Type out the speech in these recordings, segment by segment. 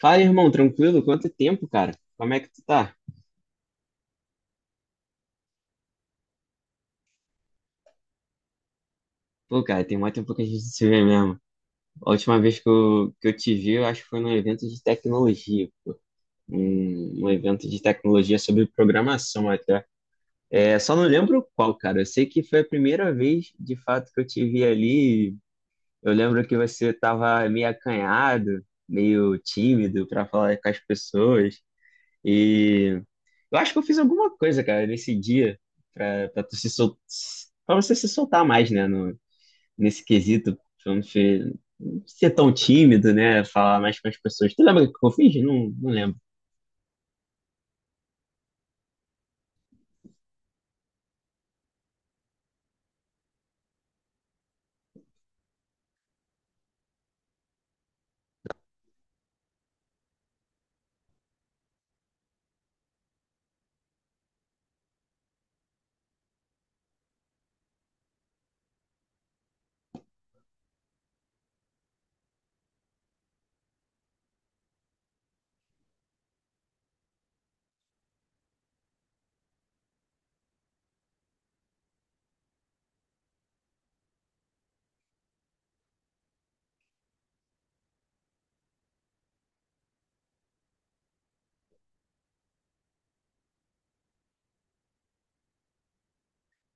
Fala, irmão, tranquilo? Quanto tempo, cara? Como é que tu tá? Pô, cara, tem muito tempo que a gente se vê mesmo. A última vez que que eu te vi, eu acho que foi num evento de tecnologia. Um evento de tecnologia sobre programação até. É, só não lembro qual, cara. Eu sei que foi a primeira vez, de fato, que eu te vi ali. Eu lembro que você tava meio acanhado, meio tímido para falar com as pessoas. Eu acho que eu fiz alguma coisa, cara, nesse dia pra tu se sol... pra você se soltar mais, né? Nesse quesito, pra não ser tão tímido, né? Falar mais com as pessoas. Tu lembra o que eu fiz? Não, não lembro.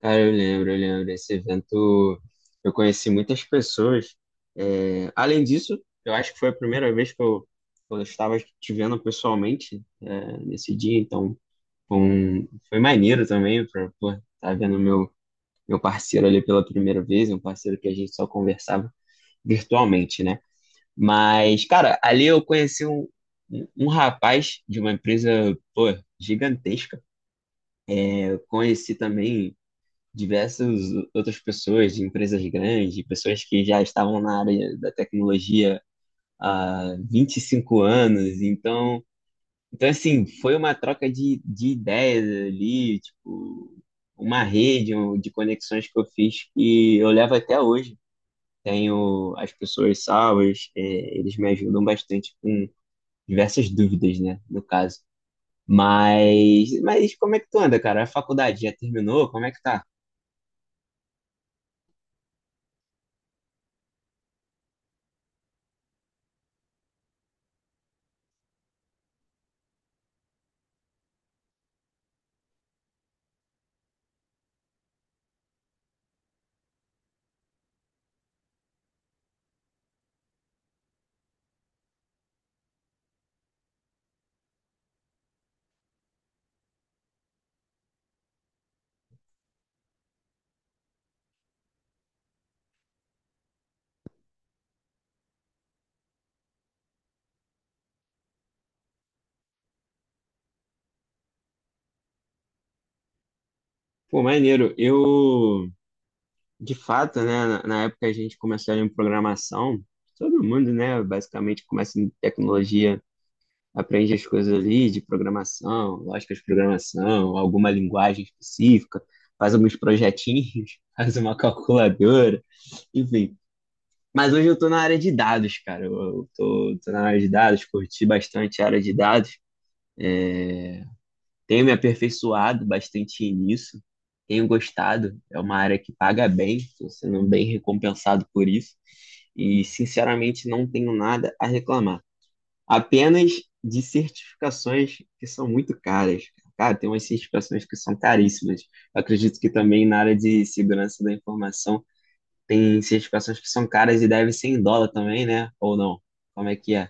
Cara, eu lembro, eu lembro. Esse evento eu conheci muitas pessoas. É, além disso, eu acho que foi a primeira vez que que eu estava te vendo pessoalmente, é, nesse dia, então foi, foi maneiro também pra, estar vendo meu parceiro ali pela primeira vez, um parceiro que a gente só conversava virtualmente, né? Mas, cara, ali eu conheci um, um rapaz de uma empresa, pô, gigantesca. É, eu conheci também diversas outras pessoas de empresas grandes, pessoas que já estavam na área da tecnologia há 25 anos. Então, então assim, foi uma troca de ideias ali, tipo, uma rede de conexões que eu fiz que eu levo até hoje. Tenho as pessoas salvas, é, eles me ajudam bastante com diversas dúvidas, né, no caso. Mas como é que tu anda, cara? A faculdade já terminou? Como é que tá? Pô, maneiro. Eu, de fato, né, na época a gente começou ali em programação, todo mundo, né, basicamente começa em tecnologia, aprende as coisas ali de programação, lógica de programação, alguma linguagem específica, faz alguns projetinhos, faz uma calculadora, enfim. Mas hoje eu tô na área de dados, cara. Eu tô na área de dados, curti bastante a área de dados. Tenho me aperfeiçoado bastante nisso. Tenho gostado. É uma área que paga bem, estou sendo bem recompensado por isso. E, sinceramente, não tenho nada a reclamar. Apenas de certificações que são muito caras. Cara, tem umas certificações que são caríssimas. Eu acredito que também na área de segurança da informação tem certificações que são caras e devem ser em dólar também, né? Ou não? Como é que é?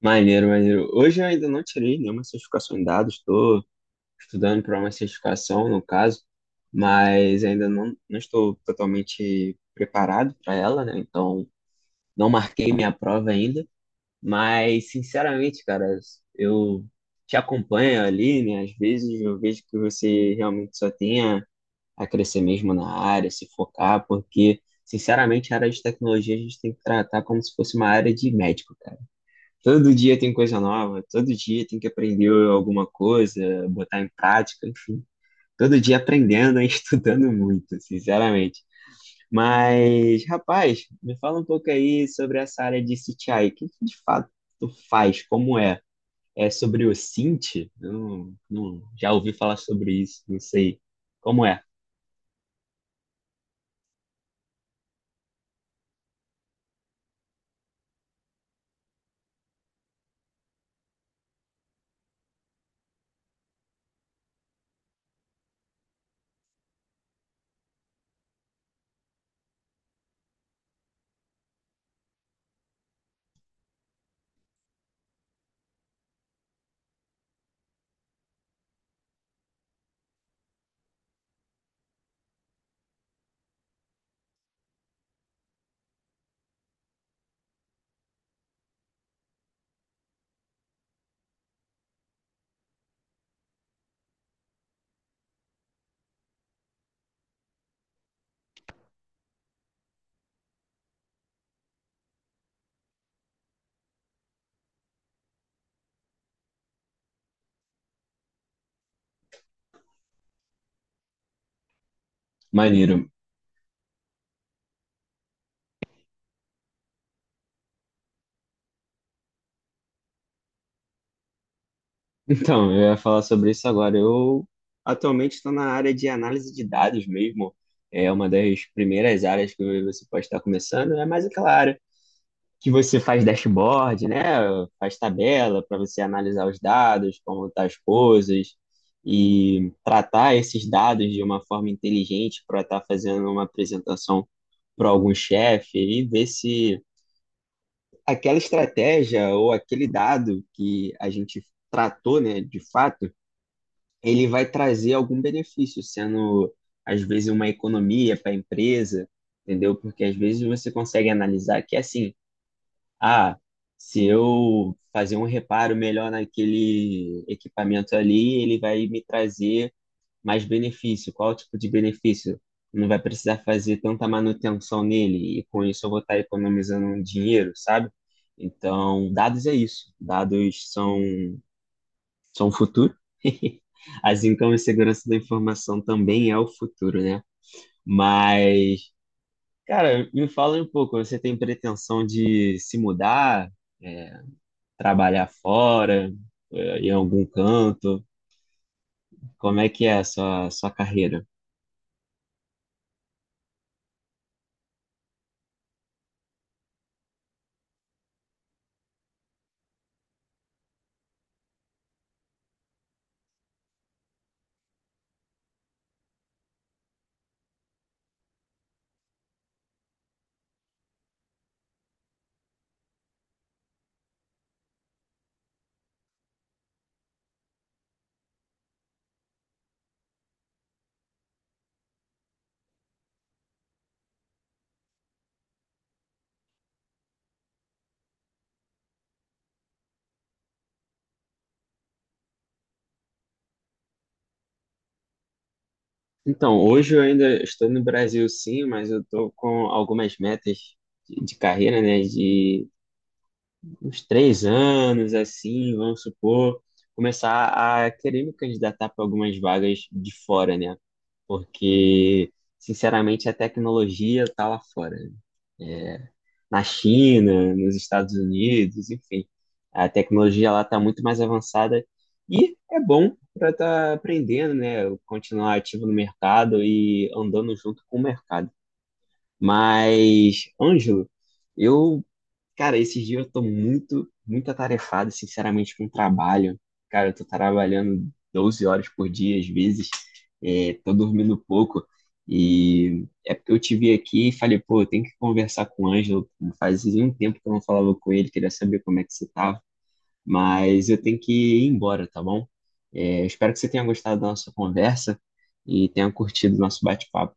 Maneiro, maneiro. Hoje eu ainda não tirei nenhuma certificação em dados, estou estudando para uma certificação, no caso, mas ainda não, não estou totalmente preparado para ela, né? Então, não marquei minha prova ainda, mas, sinceramente, cara, eu te acompanho ali, né? Às vezes eu vejo que você realmente só tem a crescer mesmo na área, se focar, porque, sinceramente, a área de tecnologia a gente tem que tratar como se fosse uma área de médico, cara. Todo dia tem coisa nova, todo dia tem que aprender alguma coisa, botar em prática, enfim. Todo dia aprendendo e estudando muito, sinceramente. Mas, rapaz, me fala um pouco aí sobre essa área de CTI. O que que de fato tu faz? Como é? É sobre o cint? Não, não, já ouvi falar sobre isso, não sei como é. Maneiro. Então, eu ia falar sobre isso agora. Eu atualmente estou na área de análise de dados mesmo. É uma das primeiras áreas que você pode estar começando. É mais aquela área que você faz dashboard, né? Faz tabela para você analisar os dados, como estão as coisas, e tratar esses dados de uma forma inteligente para estar fazendo uma apresentação para algum chefe e ver se aquela estratégia ou aquele dado que a gente tratou, né, de fato ele vai trazer algum benefício, sendo às vezes uma economia para a empresa, entendeu? Porque às vezes você consegue analisar que assim, ah, se eu fazer um reparo melhor naquele equipamento ali, ele vai me trazer mais benefício. Qual tipo de benefício? Não vai precisar fazer tanta manutenção nele e com isso eu vou estar economizando um dinheiro, sabe? Então, dados é isso. Dados são o futuro. Assim como a segurança da informação também é o futuro, né? Mas, cara, me fala um pouco, você tem pretensão de se mudar, é, trabalhar fora, é, em algum canto? Como é que é a sua carreira? Então, hoje eu ainda estou no Brasil, sim, mas eu estou com algumas metas de carreira, né? De uns 3 anos, assim, vamos supor, começar a querer me candidatar para algumas vagas de fora, né? Porque, sinceramente, a tecnologia tá lá fora, né? É, na China, nos Estados Unidos, enfim. A tecnologia lá tá muito mais avançada e é bom para estar aprendendo, né? Continuar ativo no mercado e andando junto com o mercado. Mas, Ângelo, eu cara, esses dias eu tô muito, muito atarefado, sinceramente, com o trabalho. Cara, eu tô trabalhando 12 horas por dia, às vezes, é, tô dormindo pouco. E é porque eu te vi aqui e falei, pô, eu tenho que conversar com o Ângelo. Fazia um tempo que eu não falava com ele, queria saber como é que você tava. Mas eu tenho que ir embora, tá bom? É, espero que você tenha gostado da nossa conversa e tenha curtido o nosso bate-papo.